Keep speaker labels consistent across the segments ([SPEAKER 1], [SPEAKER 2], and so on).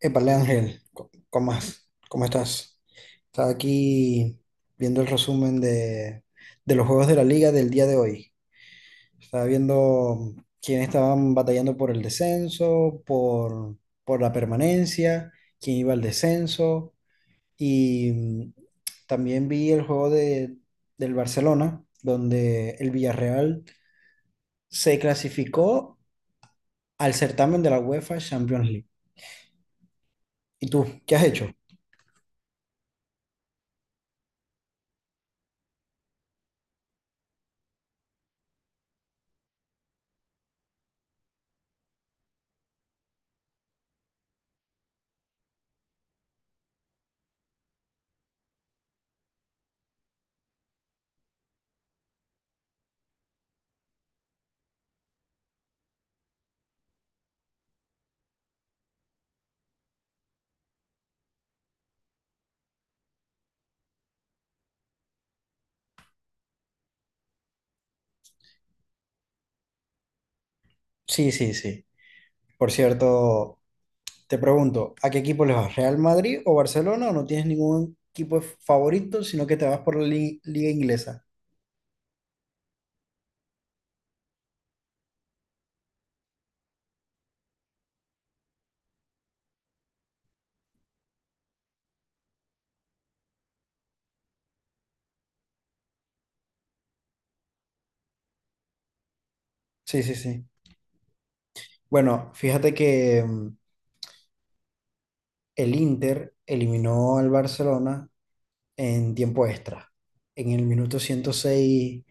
[SPEAKER 1] Épale, Ángel, ¿Cómo estás? Estaba aquí viendo el resumen de los juegos de la liga del día de hoy. Estaba viendo quiénes estaban batallando por el descenso, por la permanencia, quién iba al descenso. Y también vi el juego del Barcelona, donde el Villarreal se clasificó al certamen de la UEFA Champions League. ¿Y tú, qué has hecho? Sí, sí, sí. Por cierto, te pregunto, ¿a qué equipo les vas? ¿Real Madrid o Barcelona? ¿O no tienes ningún equipo favorito, sino que te vas por la liga inglesa? Sí, sí, sí. Bueno, fíjate que el Inter eliminó al Barcelona en tiempo extra. En el minuto 106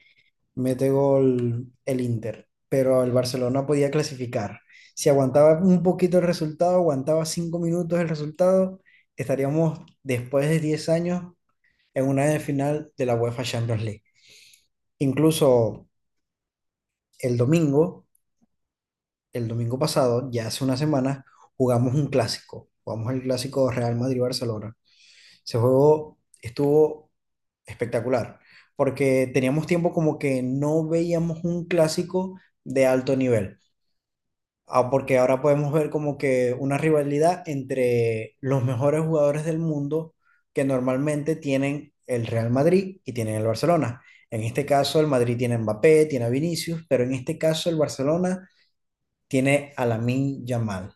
[SPEAKER 1] mete gol el Inter, pero el Barcelona podía clasificar. Si aguantaba un poquito el resultado, aguantaba 5 minutos el resultado, estaríamos después de 10 años en una de final de la UEFA Champions League. Incluso el domingo, el domingo pasado, ya hace una semana, jugamos un clásico. Jugamos el clásico Real Madrid-Barcelona. Ese juego estuvo espectacular, porque teníamos tiempo como que no veíamos un clásico de alto nivel. Ah, porque ahora podemos ver como que una rivalidad entre los mejores jugadores del mundo que normalmente tienen el Real Madrid y tienen el Barcelona. En este caso, el Madrid tiene a Mbappé, tiene a Vinicius, pero en este caso el Barcelona tiene a Lamine Yamal,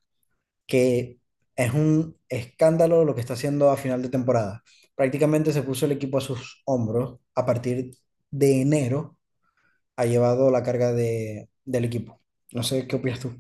[SPEAKER 1] que es un escándalo lo que está haciendo a final de temporada. Prácticamente se puso el equipo a sus hombros. A partir de enero ha llevado la carga del equipo. No sé qué opinas tú.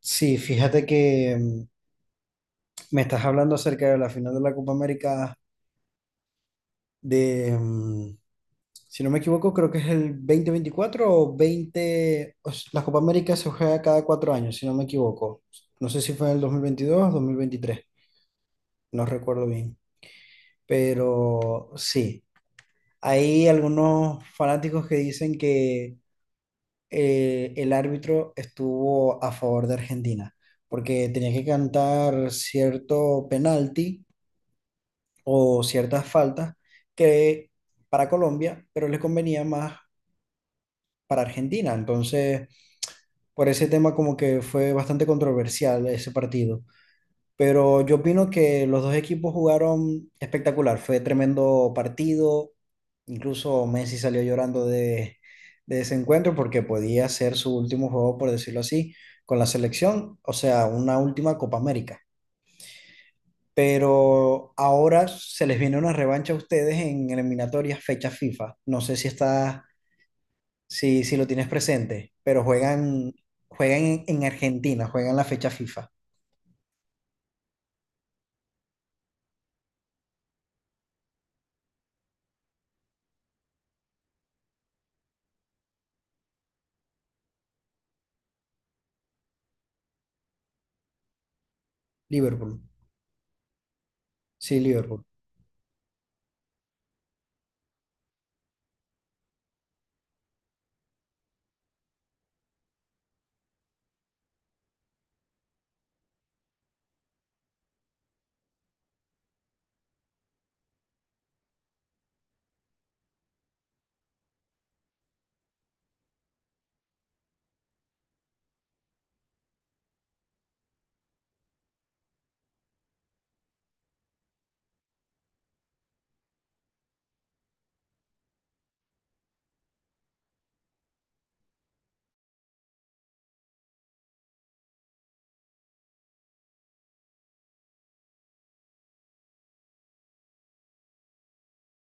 [SPEAKER 1] Sí, fíjate que me estás hablando acerca de la final de la Copa América de, mm, si no me equivoco, creo que es el 2024 o 20... o s- La Copa América se juega cada 4 años, si no me equivoco. No sé si fue en el 2022 o 2023 no recuerdo bien. Pero sí, hay algunos fanáticos que dicen que el árbitro estuvo a favor de Argentina, porque tenía que cantar cierto penalti o ciertas faltas que para Colombia, pero les convenía más para Argentina. Entonces, por ese tema como que fue bastante controversial ese partido. Pero yo opino que los dos equipos jugaron espectacular. Fue tremendo partido. Incluso Messi salió llorando de ese encuentro porque podía ser su último juego, por decirlo así, con la selección. O sea, una última Copa América. Pero ahora se les viene una revancha a ustedes en eliminatorias fecha FIFA. No sé si está, si lo tienes presente, pero juegan en Argentina, juegan la fecha FIFA. Liverpool. Sí, Liverpool.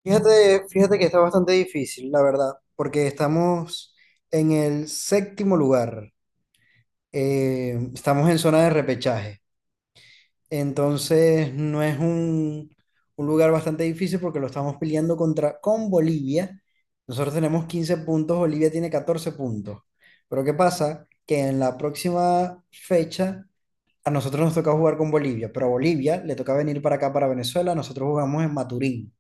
[SPEAKER 1] Fíjate que está bastante difícil, la verdad, porque estamos en el séptimo lugar. Estamos en zona de repechaje. Entonces, no es un lugar bastante difícil porque lo estamos peleando con Bolivia. Nosotros tenemos 15 puntos, Bolivia tiene 14 puntos. Pero ¿qué pasa? Que en la próxima fecha a nosotros nos toca jugar con Bolivia, pero a Bolivia le toca venir para acá, para Venezuela. Nosotros jugamos en Maturín.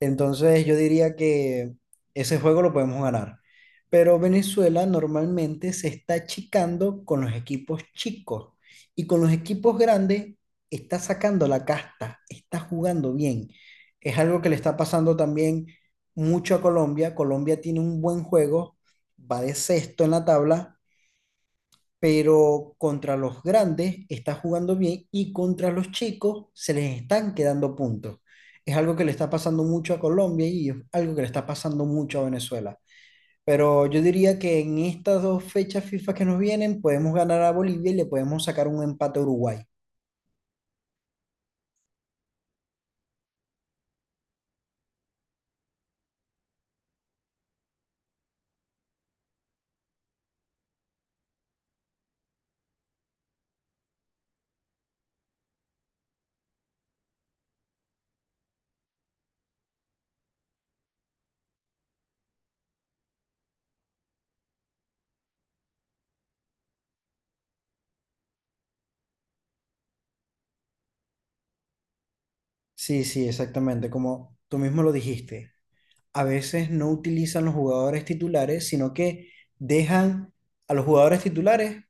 [SPEAKER 1] Entonces yo diría que ese juego lo podemos ganar. Pero Venezuela normalmente se está achicando con los equipos chicos y con los equipos grandes está sacando la casta, está jugando bien. Es algo que le está pasando también mucho a Colombia. Colombia tiene un buen juego, va de sexto en la tabla pero contra los grandes está jugando bien y contra los chicos se les están quedando puntos. Es algo que le está pasando mucho a Colombia y es algo que le está pasando mucho a Venezuela. Pero yo diría que en estas dos fechas FIFA que nos vienen podemos ganar a Bolivia y le podemos sacar un empate a Uruguay. Sí, sí, exactamente, como tú mismo lo dijiste. A veces no utilizan los jugadores titulares, sino que dejan a los jugadores titulares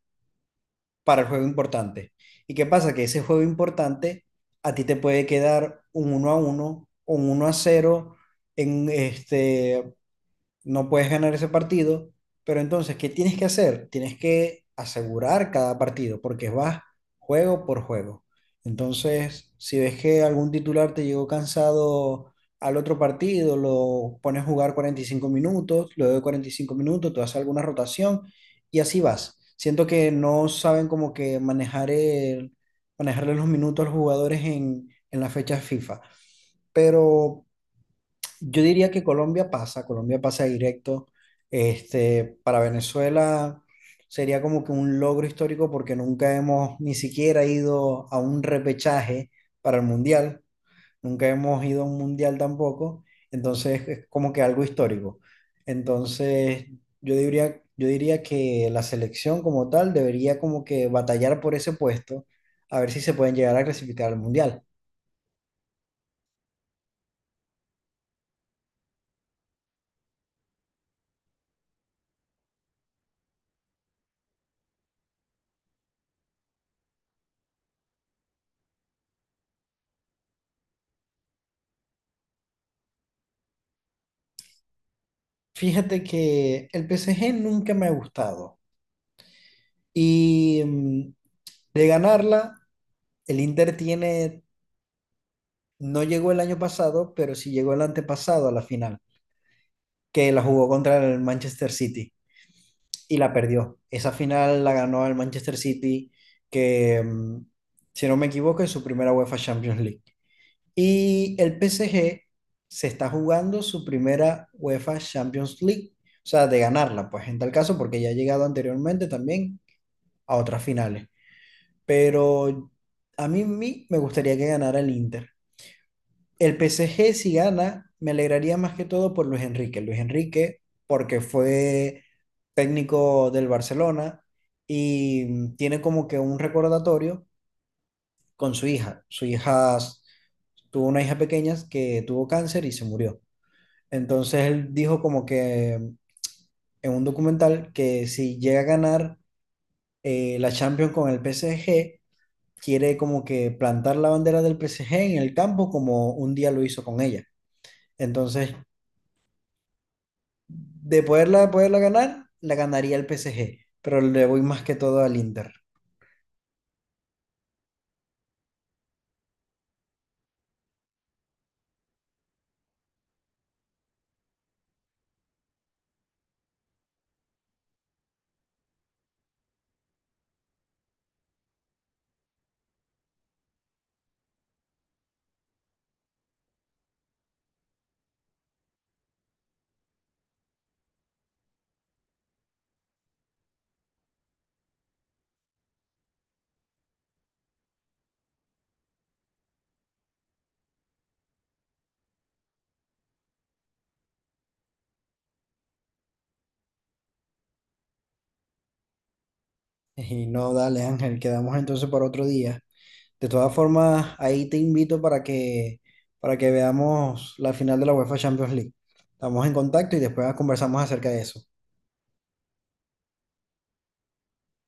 [SPEAKER 1] para el juego importante. ¿Y qué pasa? Que ese juego importante a ti te puede quedar un 1-1 o un 1-0 en este no puedes ganar ese partido, pero entonces, ¿qué tienes que hacer? Tienes que asegurar cada partido, porque vas juego por juego. Entonces, si ves que algún titular te llegó cansado al otro partido, lo pones a jugar 45 minutos, luego de 45 minutos, tú haces alguna rotación y así vas. Siento que no saben como que manejarle los minutos a los jugadores en las fechas FIFA. Pero yo diría que Colombia pasa directo. Este, para Venezuela sería como que un logro histórico porque nunca hemos ni siquiera ido a un repechaje para el mundial, nunca hemos ido a un mundial tampoco, entonces es como que algo histórico. Entonces yo diría que la selección como tal debería como que batallar por ese puesto a ver si se pueden llegar a clasificar al mundial. Fíjate que el PSG nunca me ha gustado. Y de ganarla, el Inter tiene, no llegó el año pasado, pero sí llegó el antepasado a la final, que la jugó contra el Manchester City y la perdió. Esa final la ganó el Manchester City, que si no me equivoco es su primera UEFA Champions League. Y el PSG se está jugando su primera UEFA Champions League, o sea, de ganarla, pues en tal caso, porque ya ha llegado anteriormente también a otras finales. Pero a mí me gustaría que ganara el Inter. El PSG si gana, me alegraría más que todo por Luis Enrique. Luis Enrique, porque fue técnico del Barcelona y tiene como que un recordatorio con su hija. Su hija tuvo una hija pequeña que tuvo cáncer y se murió. Entonces él dijo como que en un documental que si llega a ganar la Champions con el PSG, quiere como que plantar la bandera del PSG en el campo como un día lo hizo con ella. Entonces, de poderla ganar, la ganaría el PSG, pero le voy más que todo al Inter. Y no, dale Ángel, quedamos entonces para otro día. De todas formas, ahí te invito para que veamos la final de la UEFA Champions League. Estamos en contacto y después conversamos acerca de eso.